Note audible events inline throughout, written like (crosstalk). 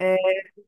آه،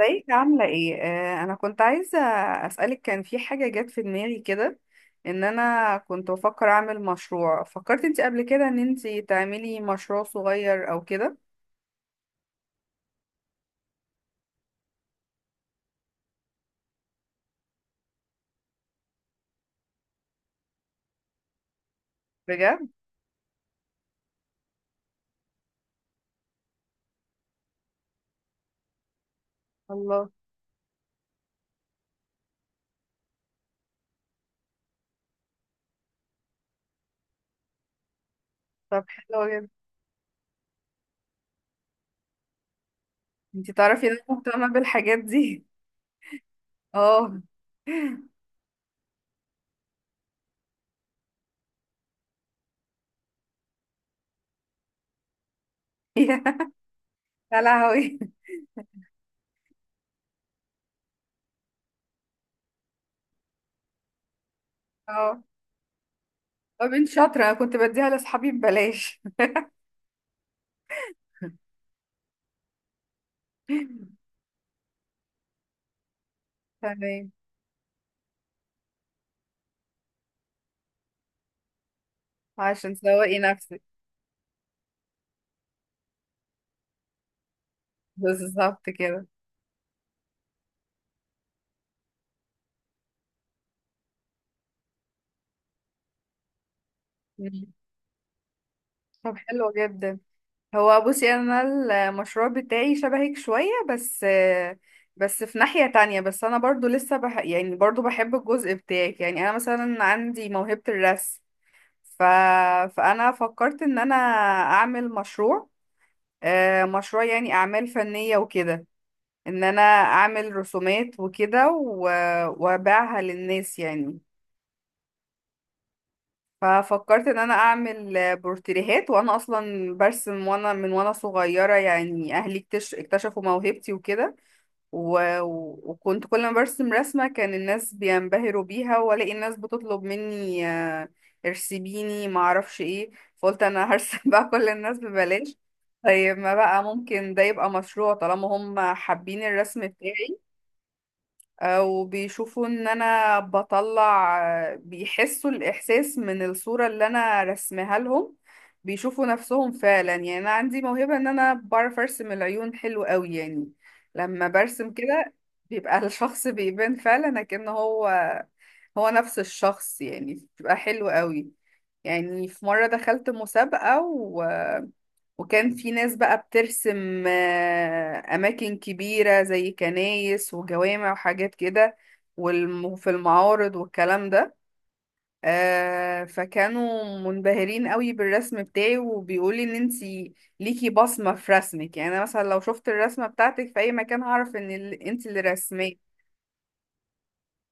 ازيك عاملة ايه؟ انا كنت عايزة اسألك، كان في حاجة جت في دماغي كده، ان انا كنت بفكر اعمل مشروع. فكرت انت قبل كده ان انت تعملي مشروع صغير او كده؟ بجد؟ الله. طب حلو جدا. انت تعرفي ان انا مهتمة بالحاجات دي. اه. (laughs) يا لهوي. اه. طب انت شاطرة، انا كنت بديها لاصحابي ببلاش. (laughs) تمام، عشان تسوقي نفسك. بالظبط كده. مم. طب حلو جدا. هو بصي، انا المشروع بتاعي شبهك شوية، بس بس في ناحية تانية. بس انا برضو لسه يعني برضو بحب الجزء بتاعك، يعني انا مثلا عندي موهبة الرسم. ف... فانا فكرت ان انا اعمل مشروع، مشروع يعني اعمال فنية وكده، ان انا اعمل رسومات وكده وابيعها للناس يعني. ففكرت ان انا اعمل بورتريهات، وانا اصلا برسم وانا من وانا صغيره، يعني اهلي اكتشفوا موهبتي وكده. و... و- وكنت كل ما برسم رسمه كان الناس بينبهروا بيها، والاقي الناس بتطلب مني ارسميني ما اعرفش ايه. فقلت انا هرسم (laughs) بقى كل الناس ببلاش. طيب ما بقى ممكن ده يبقى مشروع طالما هم حابين الرسم بتاعي، وبيشوفوا ان انا بطلع، بيحسوا الاحساس من الصورة اللي انا رسمها لهم. بيشوفوا نفسهم فعلا، يعني انا عندي موهبة ان انا بعرف ارسم العيون حلو قوي، يعني لما برسم كده بيبقى (laughs) الشخص بيبان فعلا كأن هو نفس الشخص، يعني بيبقى حلو قوي. يعني في مرة دخلت مسابقة، وكان في ناس بقى بترسم أماكن كبيرة زي كنايس وجوامع وحاجات كده، والم- وفي المعارض والكلام ده. فكانوا منبهرين قوي بالرسم بتاعي، وبيقولي ان انتي ليكي بصمة في رسمك، يعني انا مثلا لو شفت الرسمة بتاعتك في اي مكان هعرف ان انتي اللي رسماه.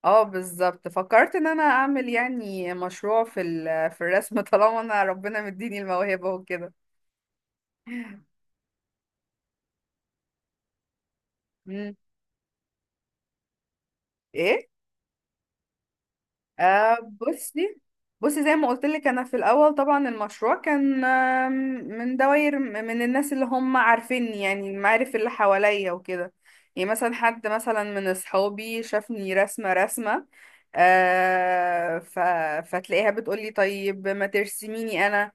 اه بالظبط، فكرت ان انا اعمل يعني مشروع في الرسم (laughs) طالما انا ربنا مديني الموهبة وكده. مم. ايه. آه بصي بصي زي ما قلت لك، انا في الاول طبعا المشروع كان من دوائر، من الناس اللي هم عارفيني، يعني المعارف اللي حواليا وكده. يعني مثلا حد مثلا من اصحابي شافني رسمه رسمه، آه ف... فتلاقيها بتقولي طيب ما ترسميني انا.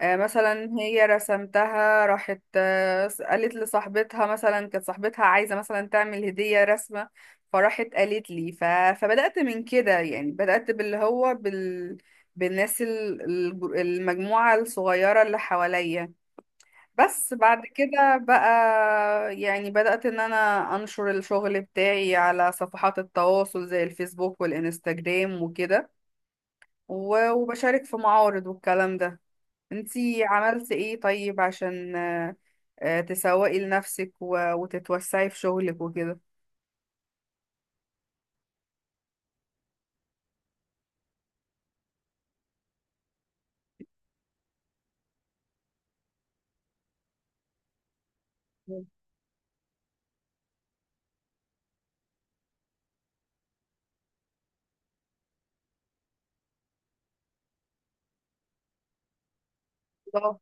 مثلا هي رسمتها راحت قالت لصاحبتها، مثلا كانت صاحبتها عايزة مثلا تعمل هدية رسمة، فراحت قالت لي. فبدأت من كده، يعني بدأت باللي هو بالناس المجموعة الصغيرة اللي حواليا. بس بعد كده بقى يعني بدأت ان انا انشر الشغل بتاعي على صفحات التواصل زي الفيسبوك والانستجرام وكده، و- وبشارك في معارض والكلام ده. انتي عملت ايه طيب عشان تسوقي لنفسك و- وتتوسعي في شغلك وكده؟ بالظبط.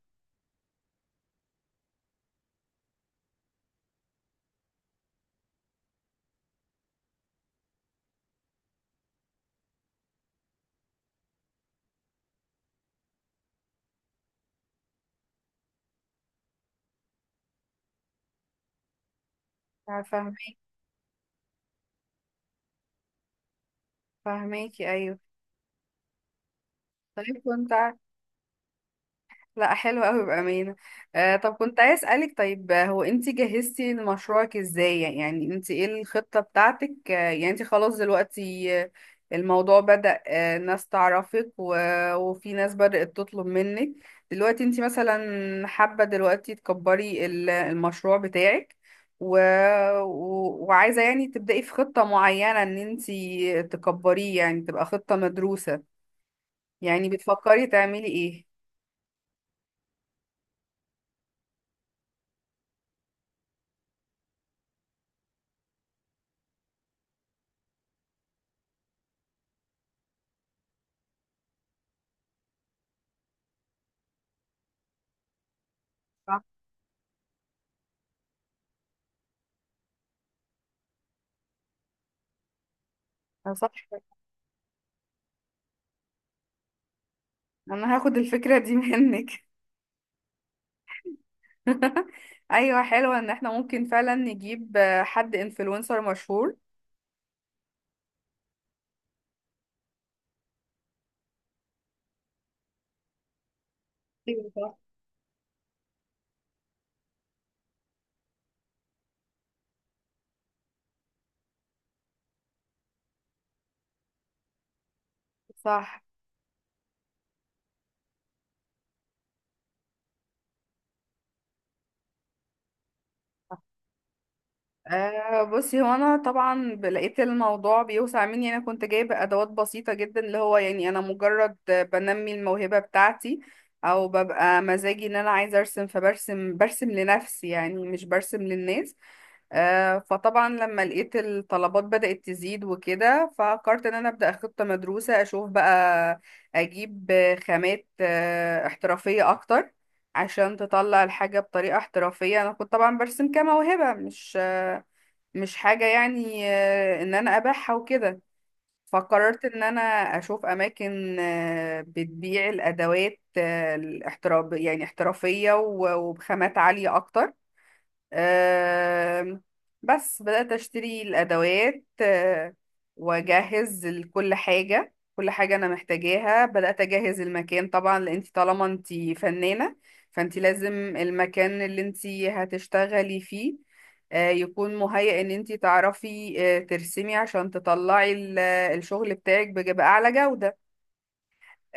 فاهمك. فاهماكي، ايوه. طيب كنت، لا حلو قوي بأمانة. آه، طب كنت عايز أسألك طيب، هو انت جهزتي لمشروعك ازاي؟ يعني انت ايه الخطة بتاعتك؟ يعني انت خلاص دلوقتي، الموضوع بدأ ناس تعرفك وفي ناس بدأت تطلب منك. دلوقتي انت مثلا حابة دلوقتي تكبري المشروع بتاعك، و... و... وعايزة يعني تبدأي في خطة معينة، ان انت تكبريه يعني تبقى خطة مدروسة. يعني بتفكري تعملي ايه؟ صح. صح. انا هاخد الفكرة دي منك. (laughs) ايوه، حلوة ان احنا ممكن فعلا نجيب حد انفلونسر مشهور. ايوه صح. صح. بصي، هو انا طبعا لقيت الموضوع بيوسع مني. انا كنت جايبه ادوات بسيطه جدا، اللي هو يعني انا مجرد بنمي الموهبه بتاعتي، او ببقى مزاجي ان انا عايزه ارسم فبرسم، لنفسي يعني، مش برسم للناس. فطبعا لما لقيت الطلبات بدأت تزيد وكده، ففكرت ان انا ابدأ خطة مدروسة اشوف بقى اجيب خامات احترافية اكتر، عشان تطلع الحاجة بطريقة احترافية. انا كنت طبعا برسم كموهبة، مش حاجة يعني ان انا ابيعها وكده. فقررت ان انا اشوف اماكن بتبيع الادوات الاحتراف يعني احترافية، و- وبخامات عالية اكتر. آم، بس بدأت أشتري الأدوات وأجهز كل حاجة، كل حاجة أنا محتاجاها. بدأت أجهز المكان طبعا، لأن انتي طالما انتي فنانة فانتي لازم المكان اللي انتي هتشتغلي فيه يكون مهيأ ان انتي تعرفي ترسمي، عشان تطلعي الشغل بتاعك بأعلى جودة.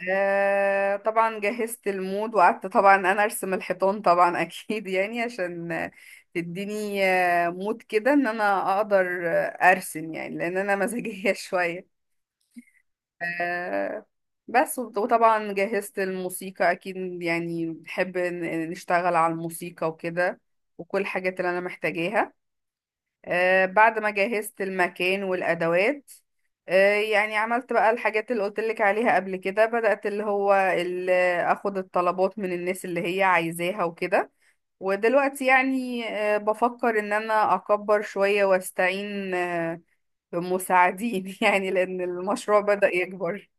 طبعا جهزت المود، وقعدت طبعا انا ارسم الحيطان طبعا (laughs) اكيد، يعني عشان تديني مود كده ان انا اقدر ارسم، يعني لان انا مزاجية (laughs) شوية. آه بس وط- وطبعا جهزت الموسيقى اكيد، يعني بحب نشتغل على الموسيقى وكده، وكل الحاجات اللي انا محتاجاها. بعد ما جهزت المكان والأدوات، يعني عملت بقى الحاجات اللي قلتلك عليها قبل كده. بدأت اللي هو أخد الطلبات من الناس اللي هي عايزاها وكده. ودلوقتي يعني بفكر إن أنا أكبر شوية، وأستعين بمساعدين (laughs) يعني، لأن المشروع بدأ يكبر.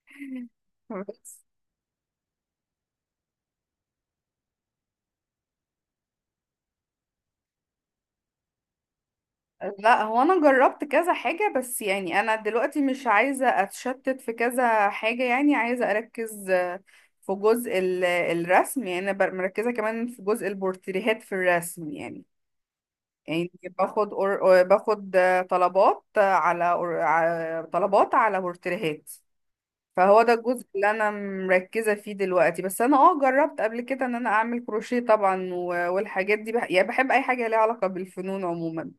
(laughs) بس لا، هو انا جربت كذا حاجة بس، يعني انا دلوقتي مش عايزة اتشتت في كذا حاجة، يعني عايزة اركز في جزء الرسم. يعني انا مركزة كمان في جزء البورتريهات في الرسم يعني. يعني باخد أور... باخد آه، طلبات على أور... على- طلبات على بورتريهات. فهو ده الجزء اللي انا مركزة فيه دلوقتي. بس انا جربت قبل كده ان انا اعمل كروشيه طبعا، و- والحاجات دي يعني بحب اي حاجة ليها علاقة بالفنون عموما.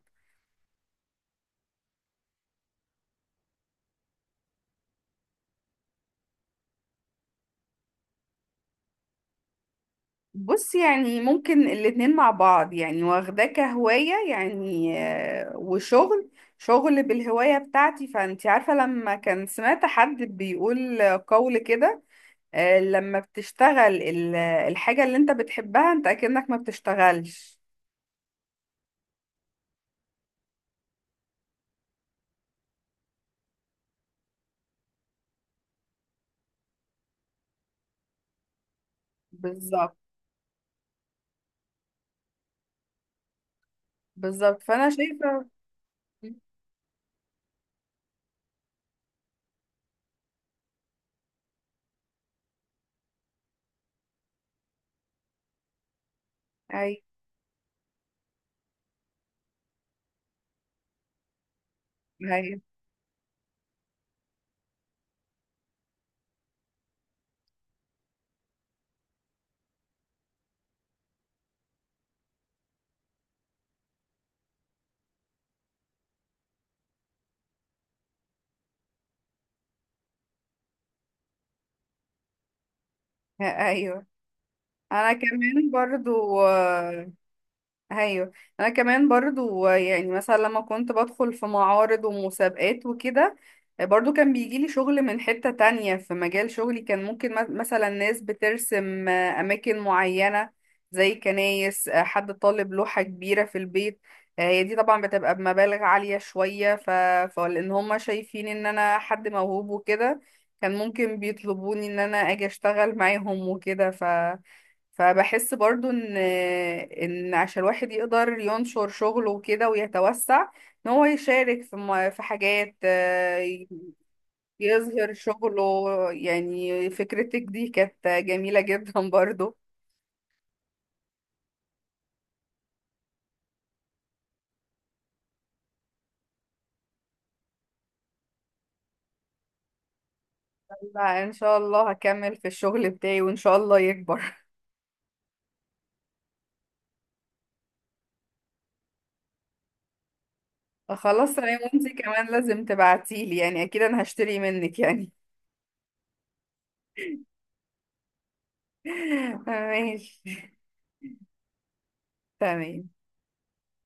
بص يعني ممكن الاتنين مع بعض، يعني واخداه كهواية يعني وشغل، شغل بالهواية بتاعتي. فانت عارفة لما كان سمعت حد بيقول قول كده، لما بتشتغل الحاجة اللي انت بتحبها انت اكنك ما بتشتغلش. بالظبط، بالظبط. فانا شايفة. ايوه، ايوه، ايوه. انا كمان برضو ايوه، انا كمان برضو، يعني مثلا لما كنت بدخل في معارض ومسابقات وكده برضو كان بيجيلي شغل من حتة تانية في مجال شغلي. كان ممكن مثلا ناس بترسم اماكن معينة زي كنايس، حد طالب لوحة كبيرة في البيت. هي دي طبعا بتبقى بمبالغ عالية شوية. فلان هم شايفين ان انا حد موهوب وكده كان ممكن بيطلبوني ان انا اجي اشتغل معاهم وكده. فبحس برضو ان عشان الواحد يقدر ينشر شغله وكده ويتوسع، ان هو يشارك في حاجات، يظهر شغله. يعني فكرتك دي كانت جميلة جدا (laughs) برضو. لا ان شاء الله هكمل في الشغل بتاعي وان شاء الله يكبر. (laughs) خلاص تمام. وانتي كمان لازم تبعتيلي، يعني اكيد انا هشتري منك يعني. (laughs) ماشي. تمام.